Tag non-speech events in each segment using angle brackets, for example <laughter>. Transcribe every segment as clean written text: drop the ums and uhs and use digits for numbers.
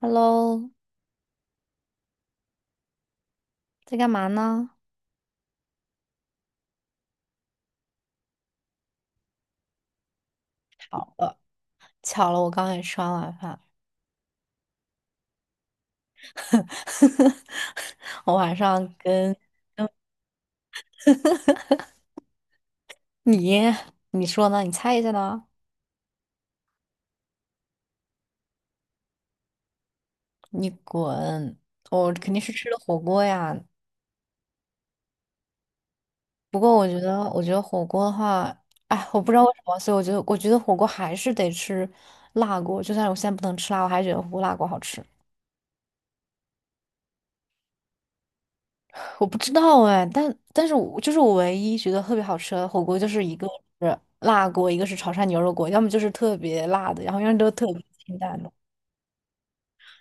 Hello，在干嘛呢？巧了，巧了，我刚也吃完晚饭。<laughs> 我晚上跟 <laughs> 你，你说呢？你猜一下呢？你滚！我肯定是吃的火锅呀。不过我觉得火锅的话，哎，我不知道为什么，所以我觉得火锅还是得吃辣锅。就算我现在不能吃辣，我还是觉得火锅辣锅好吃。我不知道哎，但是我就是我唯一觉得特别好吃的火锅，就是一个是辣锅，一个是潮汕牛肉锅，要么就是特别辣的，然后要么都特别清淡的。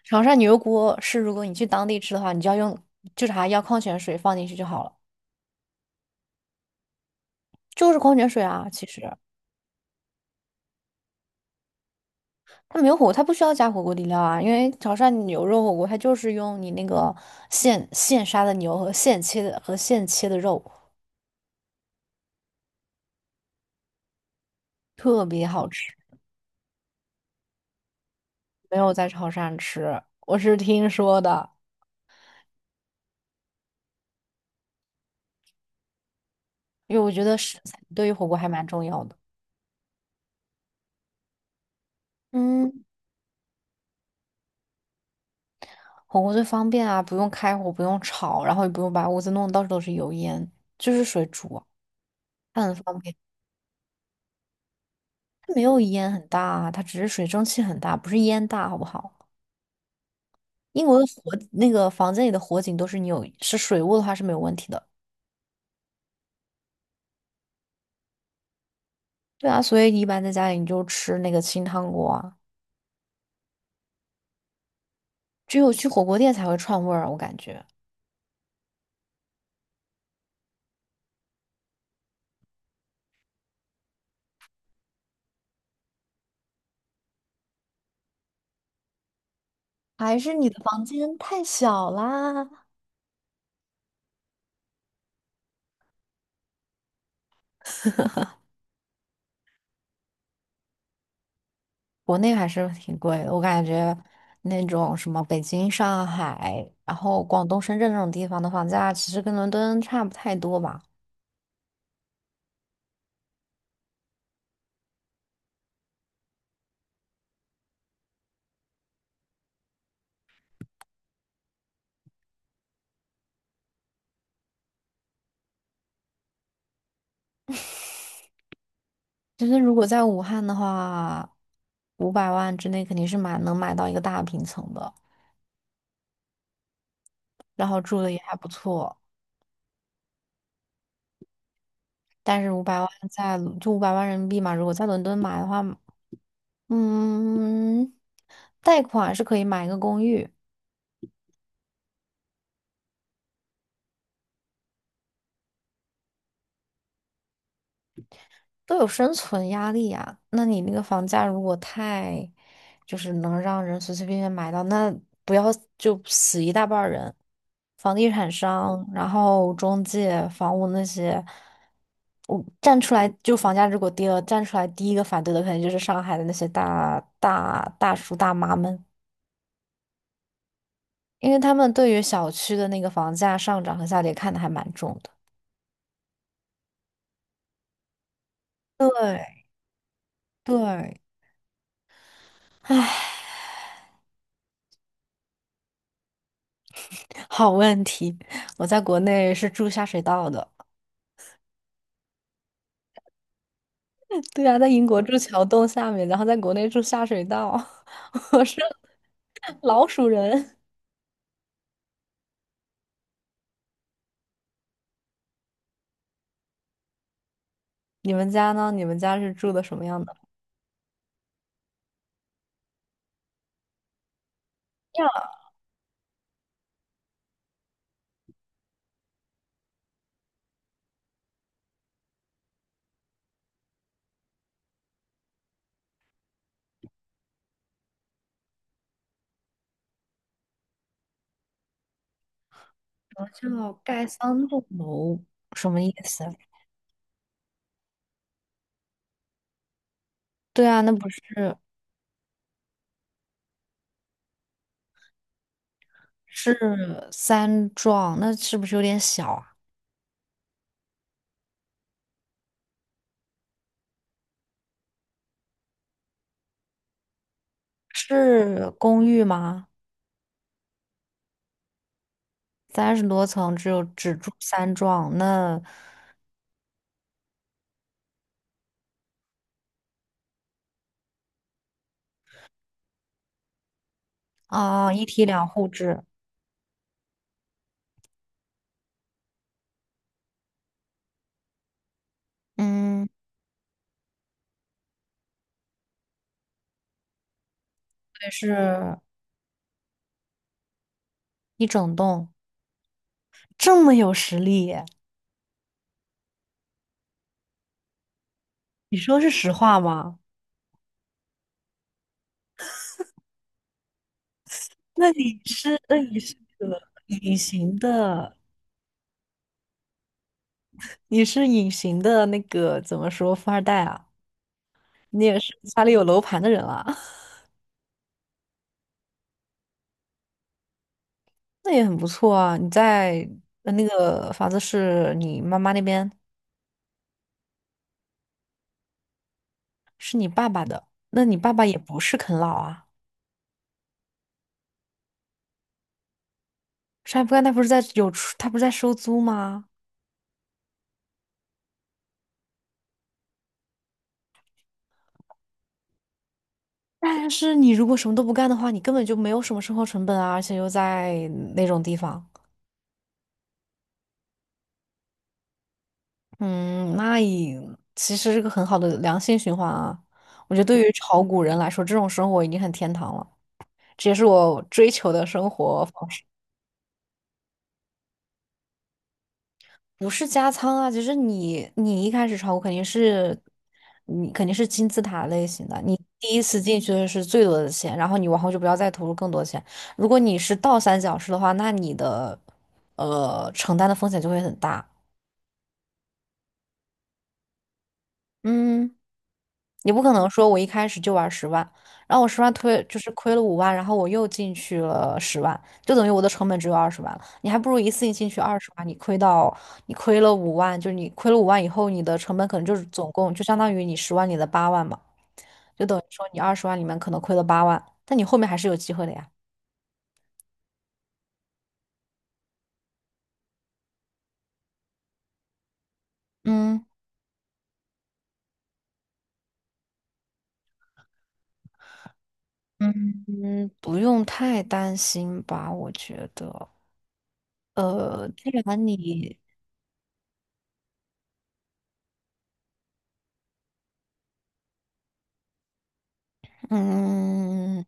潮汕牛肉锅是如果你去当地吃的话，你就要用就是还要矿泉水放进去就好了，就是矿泉水啊。其实它没有火锅，它不需要加火锅底料啊，因为潮汕牛肉火锅它就是用你那个现杀的牛和现切的肉，特别好吃。没有在潮汕吃，我是听说的。因为我觉得食材对于火锅还蛮重要的。嗯，火锅最方便啊，不用开火，不用炒，然后也不用把屋子弄得到处都是油烟，就是水煮啊它很方便。它没有烟很大啊，它只是水蒸气很大，不是烟大，好不好？英国的那个房间里的火警都是你有是水雾的话是没有问题的。对啊，所以一般在家里你就吃那个清汤锅啊，只有去火锅店才会串味儿啊我感觉。还是你的房间太小啦，国内还是挺贵的，我感觉那种什么北京、上海，然后广东、深圳这种地方的房价，其实跟伦敦差不太多吧。就是如果在武汉的话，五百万之内肯定是能买到一个大平层的，然后住的也还不错。但是五百万人民币嘛，如果在伦敦买的话，嗯，贷款是可以买一个公寓，都有生存压力呀、那你那个房价如果太，就是能让人随随便便买到，那不要就死一大半儿人，房地产商，然后中介、房屋那些，我站出来就房价如果跌了，站出来第一个反对的肯定就是上海的那些大叔大妈们，因为他们对于小区的那个房价上涨和下跌看得还蛮重的。对对，唉，好问题，我在国内是住下水道的。对啊，在英国住桥洞下面，然后在国内住下水道，<laughs> 我是老鼠人。你们家呢？你们家是住的什么样的？呀，什么叫盖三栋楼？什么意思？对啊，那不是三幢，那是不是有点小啊？是公寓吗？30多层，只住三幢，那啊，一梯两户制，嗯，对，是一整栋，这么有实力。你说是实话吗？那你是个隐形的，你是隐形的那个怎么说富二代啊？你也是家里有楼盘的人啊，<laughs> 那也很不错啊。那个房子是你妈妈那边，是你爸爸的，那你爸爸也不是啃老啊。啥也不干，他不是在有出，他不是在收租吗？但是你如果什么都不干的话，你根本就没有什么生活成本啊，而且又在那种地方。嗯，那也其实是个很好的良性循环啊。我觉得对于炒股人来说，这种生活已经很天堂了，这也是我追求的生活方式。不是加仓啊，就是你一开始炒股肯定是你肯定是金字塔类型的，你第一次进去的是最多的钱，然后你往后就不要再投入更多钱。如果你是倒三角式的话，那你的承担的风险就会很大。嗯。你不可能说我一开始就玩十万，然后我十万推就是亏了五万，然后我又进去了十万，就等于我的成本只有二十万了。你还不如一次性进去二十万，你亏了五万，就是你亏了五万以后，你的成本可能就是总共就相当于你十万里的八万嘛，就等于说你二十万里面可能亏了八万，但你后面还是有机会的呀。嗯嗯，不用太担心吧，我觉得。呃，既然你嗯。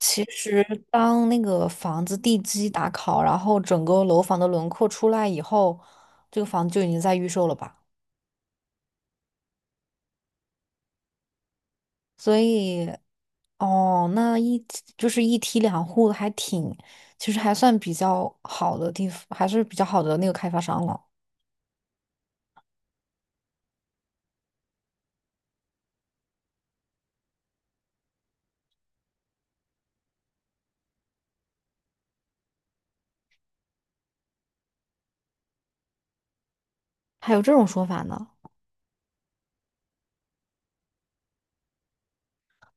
其实，当那个房子地基打好，然后整个楼房的轮廓出来以后，这个房子就已经在预售了吧？所以，哦，就是一梯两户还挺，其实还算比较好的地方，还是比较好的那个开发商了。还有这种说法呢？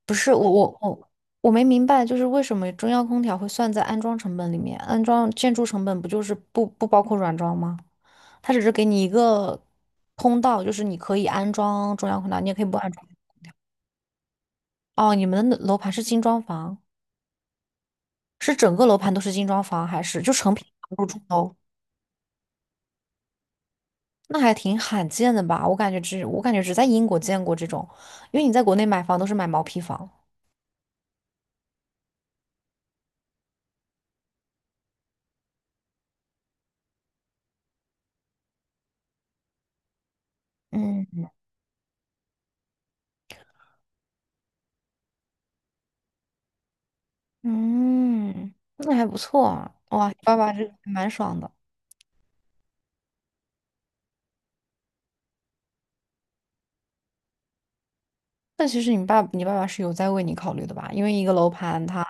不是，我没明白，就是为什么中央空调会算在安装成本里面？安装建筑成本不就是不包括软装吗？它只是给你一个通道，就是你可以安装中央空调，你也可以不安装。哦，你们的楼盘是精装房，是整个楼盘都是精装房，还是就成品入住楼？那还挺罕见的吧？我感觉只在英国见过这种，因为你在国内买房都是买毛坯房。嗯嗯，那还不错啊，哇，爸爸这个还蛮爽的。那其实你爸爸是有在为你考虑的吧？因为一个楼盘它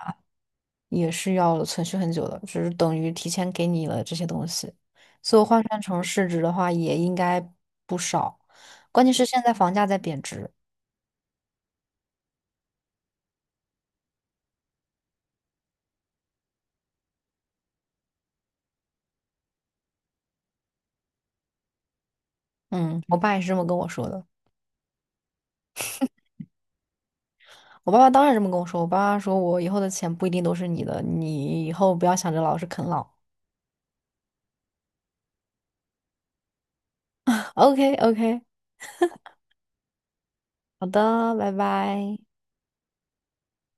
也是要存续很久的，只是等于提前给你了这些东西，所以换算成市值的话也应该不少。关键是现在房价在贬值，嗯，我爸也是这么跟我说的。我爸爸当然这么跟我说，我爸爸说我以后的钱不一定都是你的，你以后不要想着老是啃老。<laughs> OK OK，好的，拜拜。